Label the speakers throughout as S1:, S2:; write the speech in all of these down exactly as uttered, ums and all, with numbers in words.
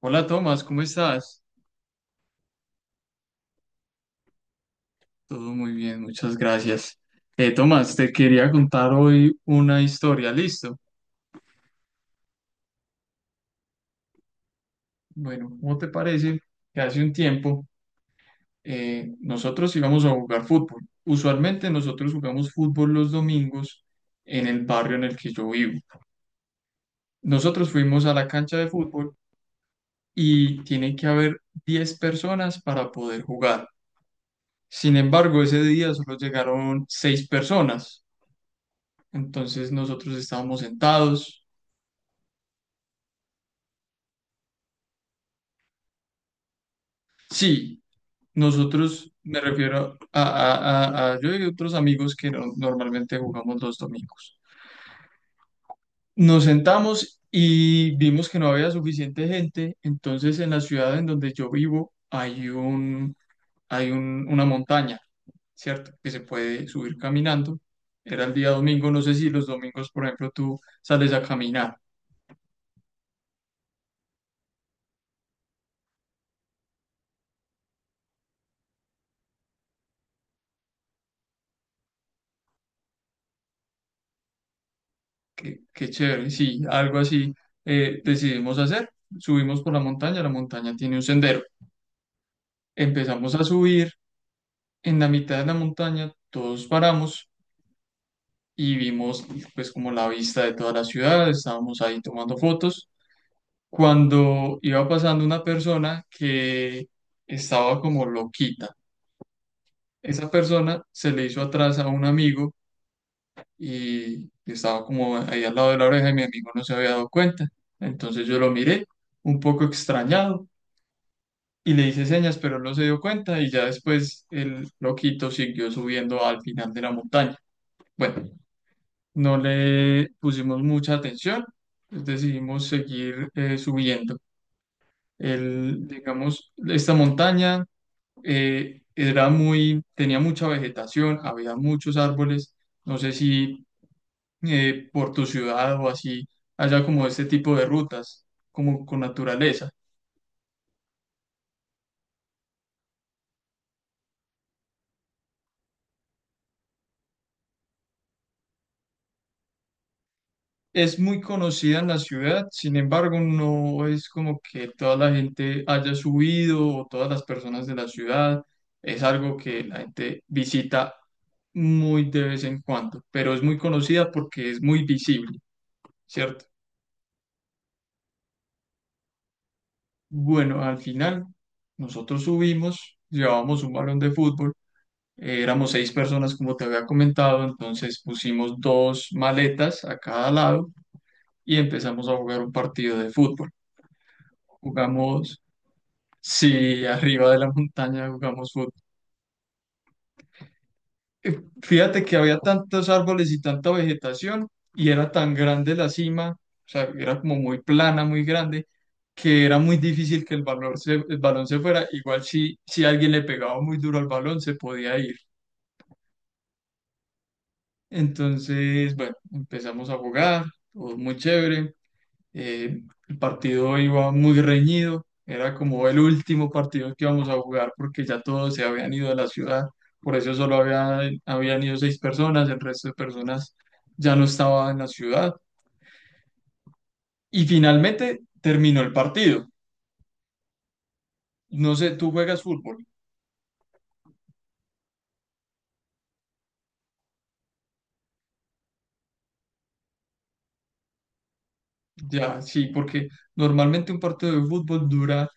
S1: Hola Tomás, ¿cómo estás? Todo muy bien, muchas gracias. Eh, Tomás, te quería contar hoy una historia, ¿listo? Bueno, ¿cómo te parece que hace un tiempo eh, nosotros íbamos a jugar fútbol? Usualmente nosotros jugamos fútbol los domingos en el barrio en el que yo vivo. Nosotros fuimos a la cancha de fútbol y tiene que haber diez personas para poder jugar. Sin embargo, ese día solo llegaron seis personas. Entonces nosotros estábamos sentados. Sí, nosotros, me refiero a, a- a- a- yo y otros amigos que no- normalmente jugamos los domingos. Nos sentamos y vimos que no había suficiente gente, entonces en la ciudad en donde yo vivo hay un, hay un- una montaña, ¿cierto? Que se puede subir caminando. Era el día domingo, no sé si los domingos, por ejemplo, tú sales a caminar. Qué, qué chévere, sí, algo así eh, decidimos hacer. Subimos por la montaña, la montaña tiene un sendero, empezamos a subir. En la mitad de la montaña todos paramos y vimos pues como la vista de toda la ciudad, estábamos ahí tomando fotos, cuando iba pasando una persona que estaba como loquita. Esa persona se le hizo atrás a un amigo y estaba como ahí al lado de la oreja y mi amigo no se había dado cuenta. Entonces yo lo miré un poco extrañado y le hice señas, pero él no se dio cuenta y ya después el loquito siguió subiendo al final de la montaña. Bueno, no le pusimos mucha atención, pues decidimos seguir eh, subiendo. El, digamos, esta montaña eh, era muy, tenía mucha vegetación, había muchos árboles. No sé si eh, por tu ciudad o así haya como este tipo de rutas, como con naturaleza. Es muy conocida en la ciudad, sin embargo, no es como que toda la gente haya subido o todas las personas de la ciudad. Es algo que la gente visita muy de vez en cuando, pero es muy conocida porque es muy visible, ¿cierto? Bueno, al final nosotros subimos, llevábamos un balón de fútbol, eh, éramos seis personas como te había comentado, entonces pusimos dos maletas a cada lado y empezamos a jugar un partido de fútbol. Jugamos, sí, arriba de la montaña jugamos. Eh, Fíjate que había tantos árboles y tanta vegetación y era tan grande la cima, o sea, era como muy plana, muy grande, que era muy difícil que el balón se- el balón se fuera. Igual si, si alguien le pegaba muy duro al balón, se podía ir. Entonces, bueno, empezamos a jugar, todo muy chévere. Eh, el partido iba muy reñido, era como el último partido que íbamos a jugar porque ya todos se habían ido de la ciudad, por eso solo había- habían ido seis personas, el resto de personas ya no estaba en la ciudad. Y finalmente terminó el partido. No sé, tú juegas fútbol, ya, sí, porque normalmente un partido de fútbol dura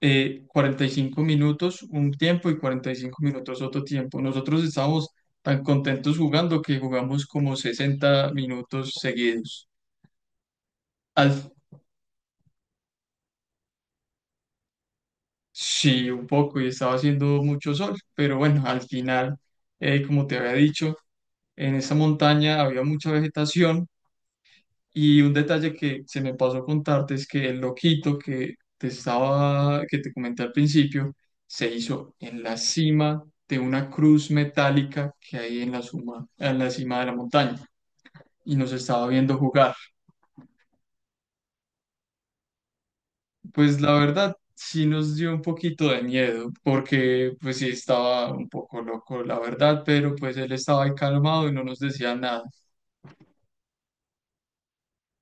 S1: eh, cuarenta y cinco minutos un tiempo y cuarenta y cinco minutos otro tiempo. Nosotros estábamos tan contentos jugando que jugamos como sesenta minutos seguidos. Al, sí, un poco, y estaba haciendo mucho sol, pero bueno, al final, eh, como te había dicho, en esa montaña había mucha vegetación. Y un detalle que se me pasó contarte es que el loquito que te estaba, que te comenté al principio, se hizo en la cima de una cruz metálica que hay en la suma, en la cima de la montaña y nos estaba viendo jugar. Pues la verdad sí nos dio un poquito de miedo porque pues sí estaba un poco loco, la verdad, pero pues él estaba ahí calmado y no nos decía nada.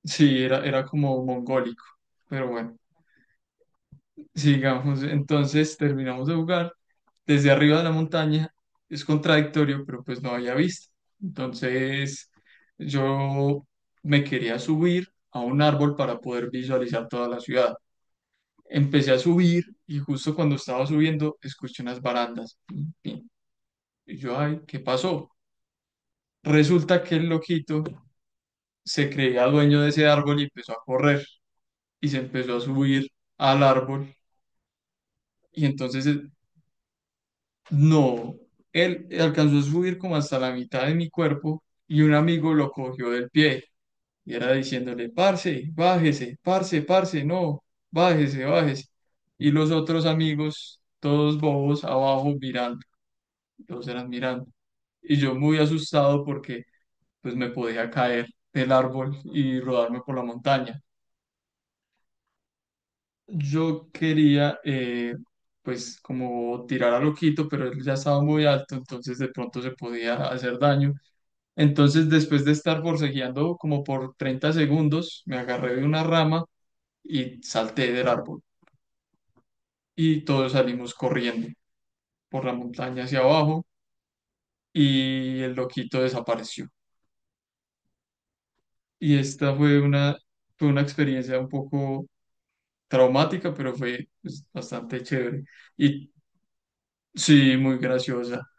S1: Sí, era, era como mongólico, pero bueno. Sigamos, entonces terminamos de jugar desde arriba de la montaña. Es contradictorio, pero pues no había vista. Entonces yo me quería subir a un árbol para poder visualizar toda la ciudad. Empecé a subir y justo cuando estaba subiendo escuché unas barandas. Pin, pin. Y yo, ay, ¿qué pasó? Resulta que el loquito se creía dueño de ese árbol y empezó a correr y se empezó a subir al árbol. Y entonces no, él alcanzó a subir como hasta la mitad de mi cuerpo y un amigo lo cogió del pie y era diciéndole, parce, bájese, parce, parce, no, bájese, bájese. Y los otros amigos, todos bobos, abajo mirando, todos eran mirando. Y yo muy asustado porque pues me podía caer del árbol y rodarme por la montaña. Yo quería eh, pues como tirar a loquito, pero él ya estaba muy alto, entonces de pronto se podía hacer daño. Entonces, después de estar forcejeando como por treinta segundos, me agarré de una rama y salté del árbol. Y todos salimos corriendo por la montaña hacia abajo y el loquito desapareció. Y esta fue una, fue una experiencia un poco traumática, pero fue pues, bastante chévere. Y sí, muy graciosa.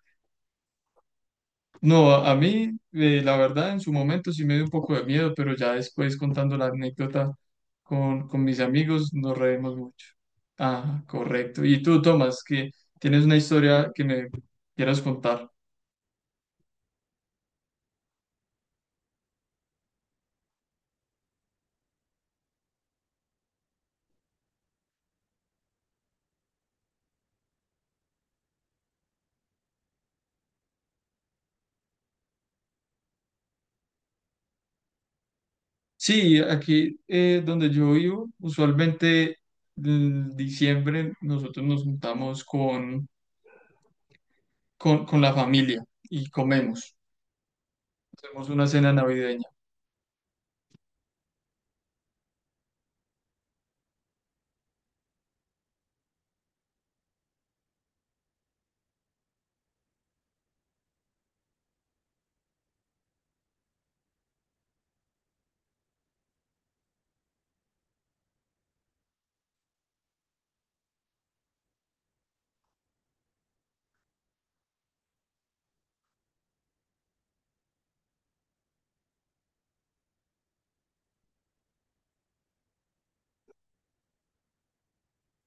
S1: No, a a mí, eh, la verdad, en su momento sí me dio un poco de miedo, pero ya después contando la anécdota con, con mis amigos nos reímos mucho. Ah, correcto. Y tú, Tomás, que tienes una historia que me quieras contar. Sí, aquí eh, donde yo vivo, usualmente en diciembre nosotros nos juntamos con, con, con la familia y comemos. Hacemos una cena navideña.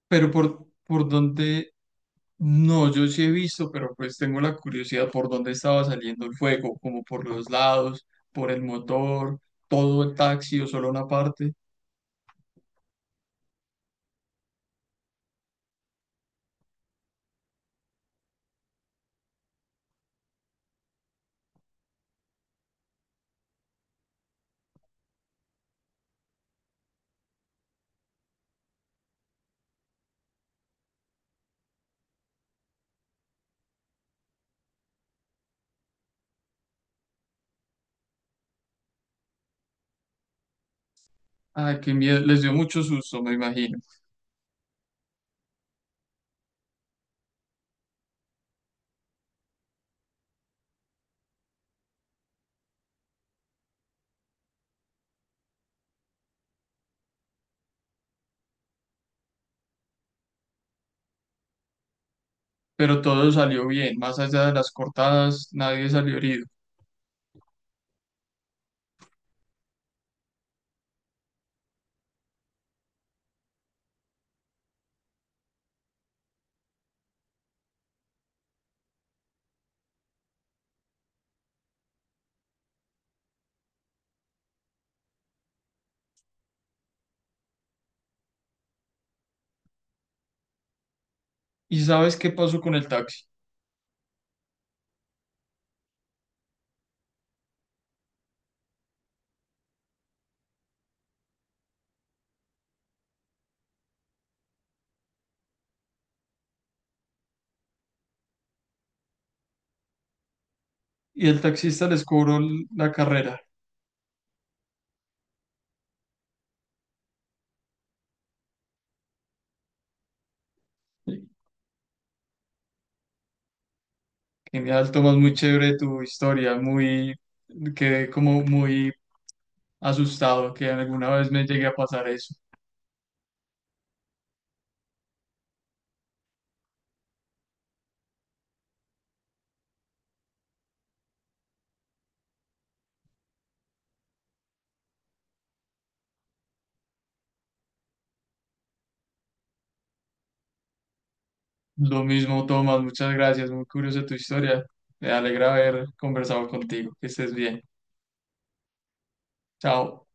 S1: Pero por, por donde, no, yo sí he visto, pero pues tengo la curiosidad por dónde estaba saliendo el fuego, como por los lados, por el motor, todo el taxi o solo una parte. Ay, qué miedo, les dio mucho susto, me imagino. Pero todo salió bien, más allá de las cortadas, nadie salió herido. ¿Y sabes qué pasó con el taxi? Y el taxista les cobró l- la carrera. Genial, Tomás, muy chévere tu historia, muy, quedé como muy asustado que alguna vez me llegue a pasar eso. Lo mismo, Tomás, muchas gracias. Muy curiosa tu historia. Me alegra haber conversado contigo. Que estés bien. Chao.